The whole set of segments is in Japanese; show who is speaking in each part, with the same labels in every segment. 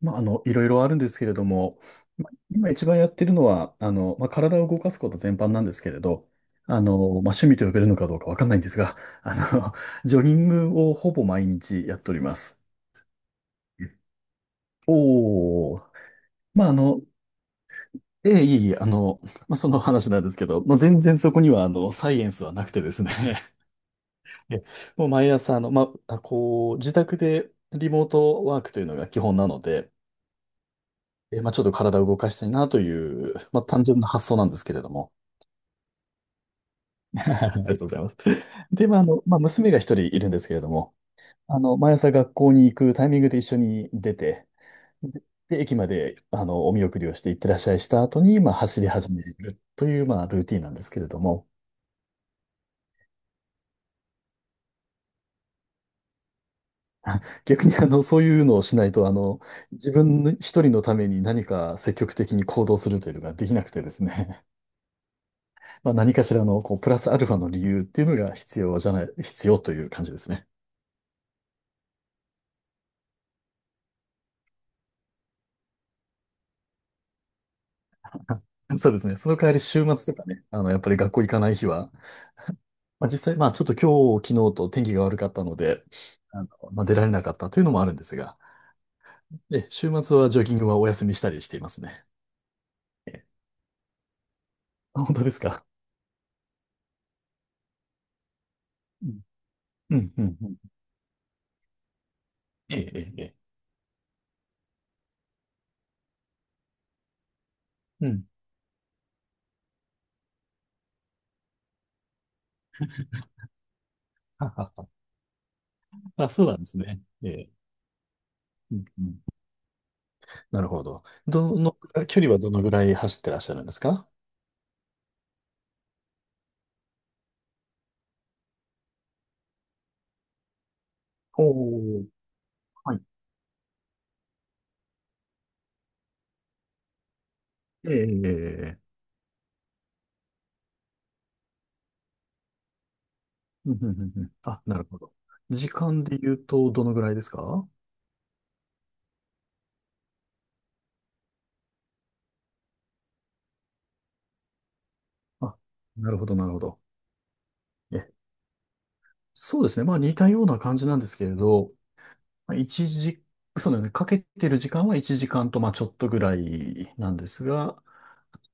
Speaker 1: いろいろあるんですけれども、今一番やってるのは、体を動かすこと全般なんですけれど、あの、まあ、趣味と呼べるのかどうかわかんないんですが、あの、ジョギングをほぼ毎日やっております。おお、まあ、あの、ええ、いえいえ、その話なんですけど、全然そこには、サイエンスはなくてですね、えもう毎朝、こう、自宅でリモートワークというのが基本なので、ちょっと体を動かしたいなという、単純な発想なんですけれども。ありがとうございます。で、娘が一人いるんですけれども、毎朝学校に行くタイミングで一緒に出て、で、駅まで、お見送りをして行ってらっしゃいした後に、走り始めるという、ルーティンなんですけれども、逆に、そういうのをしないと、自分一人のために何か積極的に行動するというのができなくてですね。何かしらのこうプラスアルファの理由っていうのが必要じゃない、必要という感じですね。そうですね。その代わり週末とかね、やっぱり学校行かない日は、実際、ちょっと今日、昨日と天気が悪かったので、出られなかったというのもあるんですが、で、週末はジョギングはお休みしたりしていますね。えあ、本当ですか？うん、うん、うん。うんええ、ええ、ええうん。はははあ、そうなんですね。ええ、うん、うん。なるほど。距離はどのぐらい走ってらっしゃるんですか？おおー、はいええ、ええ、ええ。うんうんうんうんあ、なるほど。時間で言うと、どのぐらいですか？あ、なるほど、なるほど。え、そうですね。似たような感じなんですけれど、まあ一時、そうだよね。かけてる時間は1時間と、ちょっとぐらいなんですが、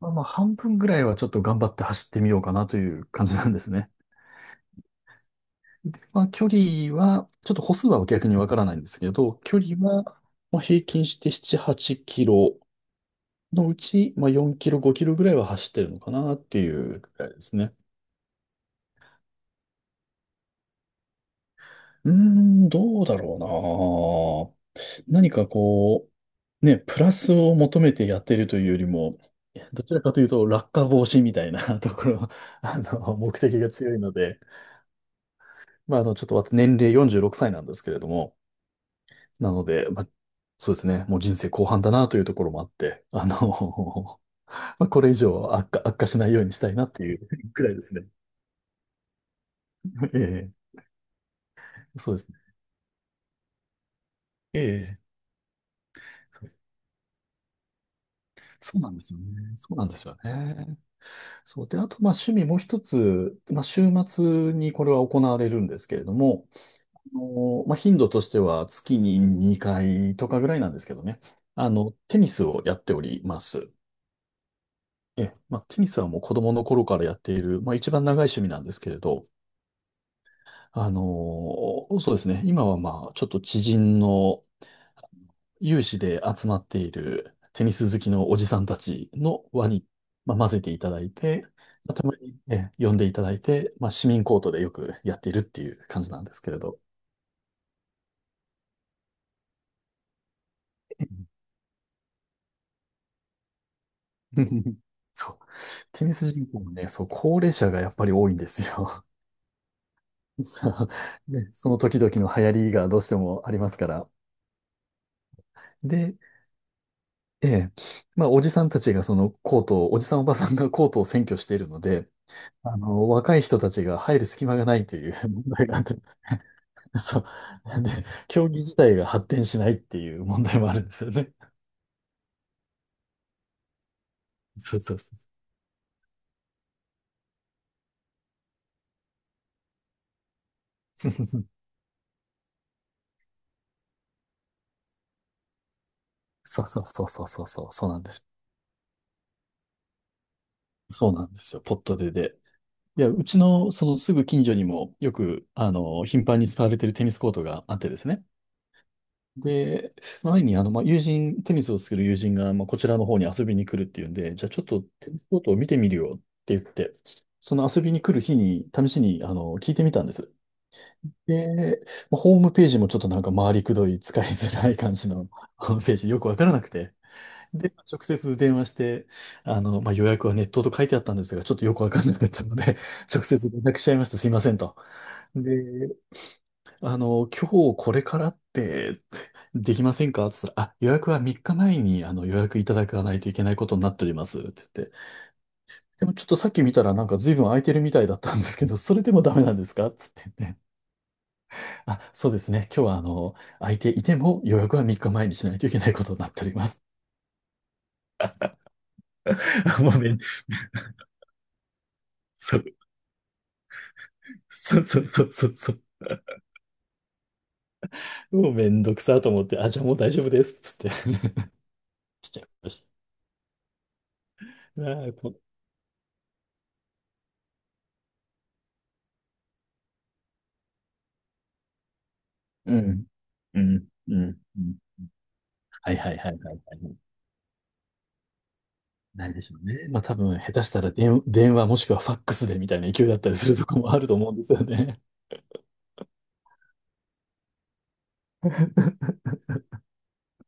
Speaker 1: まあ、半分ぐらいはちょっと頑張って走ってみようかなという感じなんですね。で、距離は、ちょっと歩数は逆にわからないんですけど、距離は、平均して7、8キロのうち、4キロ、5キロぐらいは走ってるのかなっていうぐらいですね。うーん、どうだろうな。何かこう、ね、プラスを求めてやってるというよりも、どちらかというと落下防止みたいな ところ、目的が強いので、ちょっと私年齢46歳なんですけれども、なので、そうですね、もう人生後半だなというところもあって、これ以上悪化しないようにしたいなっていうくらいですね。ええそうです。ええ、そうそうなんですよね。そうなんですよね。そう。で、あと、趣味もう一つ、週末にこれは行われるんですけれども、頻度としては月に2回とかぐらいなんですけどね。テニスをやっております。え、テニスはもう子供の頃からやっている、一番長い趣味なんですけれど、あの、そうですね。今はちょっと知人の、有志で集まっているテニス好きのおじさんたちの輪に、混ぜていただいて、たまに、呼んでいただいて、市民コートでよくやっているっていう感じなんですけれど。そう。テニス人口もね、そう、高齢者がやっぱり多いんですよ。そうね、その時々の流行りがどうしてもありますから。で、ええ、おじさんたちがそのコートを、おじさんおばさんがコートを占拠しているので、若い人たちが入る隙間がないという 問題があって そう。なんで、競技自体が発展しないっていう問題もあるんですよね。そうそうそうそう。そうそうそうそうそうそう、そうなんです。そうなんですよ、ポットでで。いや、うちのそのすぐ近所にもよく、頻繁に使われてるテニスコートがあってですね。で、前に友人、テニスをする友人が、こちらの方に遊びに来るっていうんで、じゃあちょっとテニスコートを見てみるよって言って、その遊びに来る日に試しに、聞いてみたんです。ええホームページもちょっとなんか回りくどい、使いづらい感じの ホームページ、よくわからなくて。で、直接電話して、予約はネットと書いてあったんですが、ちょっとよくわかんなかったので、直接連絡しちゃいました。すいませんと。で、今日これからって、できませんかって言ったら、あ、予約は3日前に予約いただかないといけないことになっておりますって言って、でもちょっとさっき見たらなんか随分空いてるみたいだったんですけど、それでもダメなんですかって言ってね。あ、そうですね。今日は、空いていても予約は3日前にしないといけないことになっております。もうめん、そう、そうそうそうそうそう。もうめんどくさと思って、あ、じゃあもう大丈夫です。つって 来ちゃいました。あーこうん、うん、うん、うん。はいはいはいはいはい。ないでしょうね。多分、下手したら電話もしくはファックスでみたいな勢いだったりするとこもあると思うんですよね。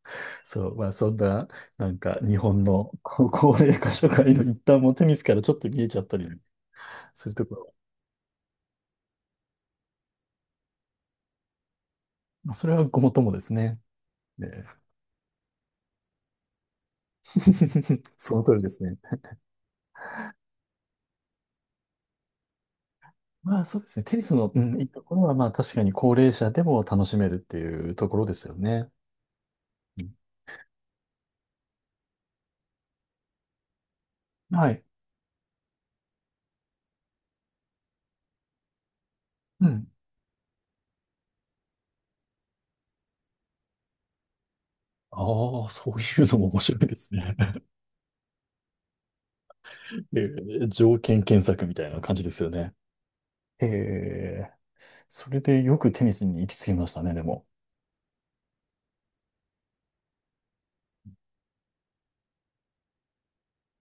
Speaker 1: そう、まあそんな、なんか日本の高齢化社会の一端もテニスからちょっと見えちゃったりするところ。まあ、それはごもっともですね。ね。 その通りですね。まあそうですね。テニスの、うん、いいところは、確かに高齢者でも楽しめるっていうところですよね。うんはい。うん。ああ、そういうのも面白いですね。え条件検索みたいな感じですよね。ええ、それでよくテニスに行き着きましたね、でも。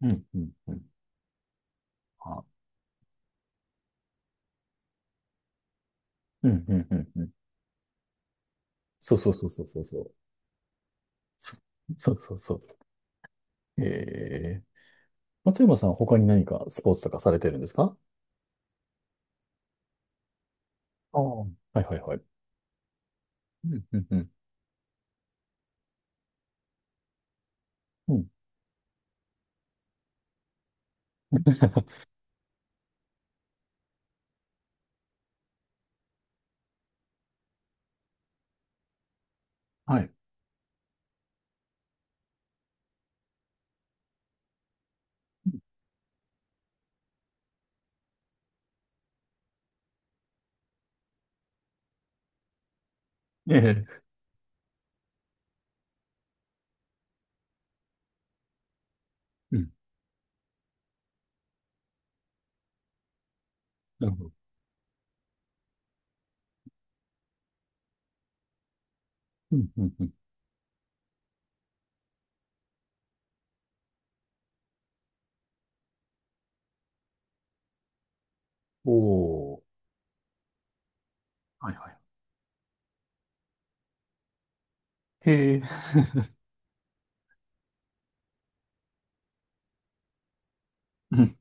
Speaker 1: うん、うん、うん。あ、うん、うん、うん、うん。そうそうそうそうそうそう。そそうそうそう。ええ、松山さん、他に何かスポーツとかされてるんですか？ああ、うんはいはいはい。うんうんうん。うん はい。ええ。うん。なるほど。うんうんうん。おお。はいはい。へえ。うん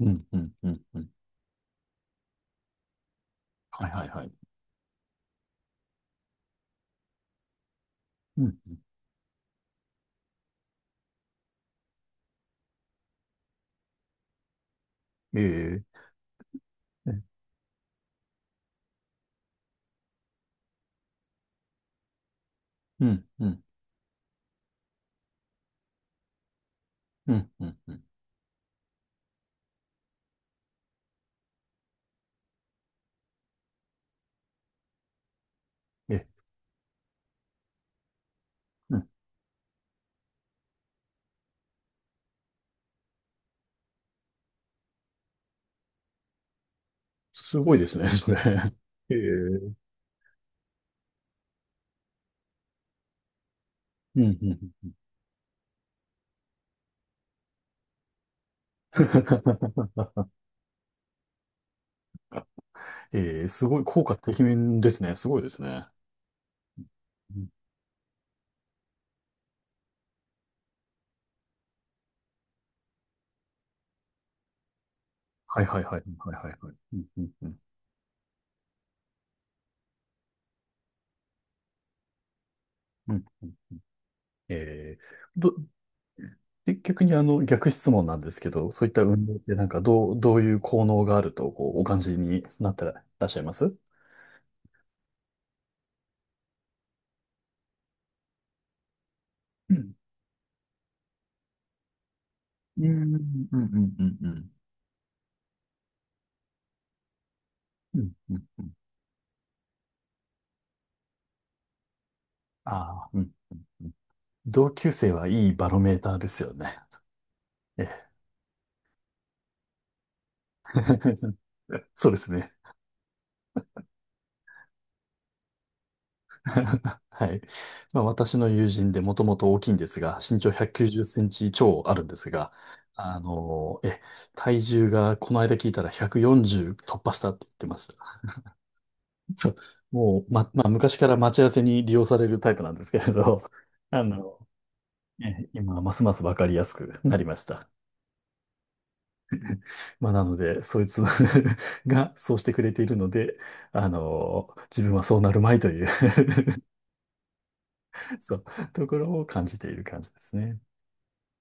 Speaker 1: うんうんうんうん。はいはいはい。うん。ええ。うんうんうんうんうん。え、うん。すごいですね、それ。ええ。うんうんうん。ええ、すごい、効果てきめんですね。すごいですね。うんはいはいはい。はいはいはい。うんうんうん。うんえー、ど、で逆に逆質問なんですけど、そういった運動ってなんかどういう効能があるとこうお感じになってらっしゃいます？うん、うん、うん、うん、うんうん。うんうんうんああ、うん。うん同級生はいいバロメーターですよね。ええ。 そうですね。はい。まあ、私の友人でもともと大きいんですが、身長190センチ超あるんですが、あのえ、体重がこの間聞いたら140突破したって言ってました。そう。もう、まあ、昔から待ち合わせに利用されるタイプなんですけれど、あの、今、ますますわかりやすくなりました。まあ、なので、そいつ がそうしてくれているので、自分はそうなるまいという そう、ところを感じている感じですね。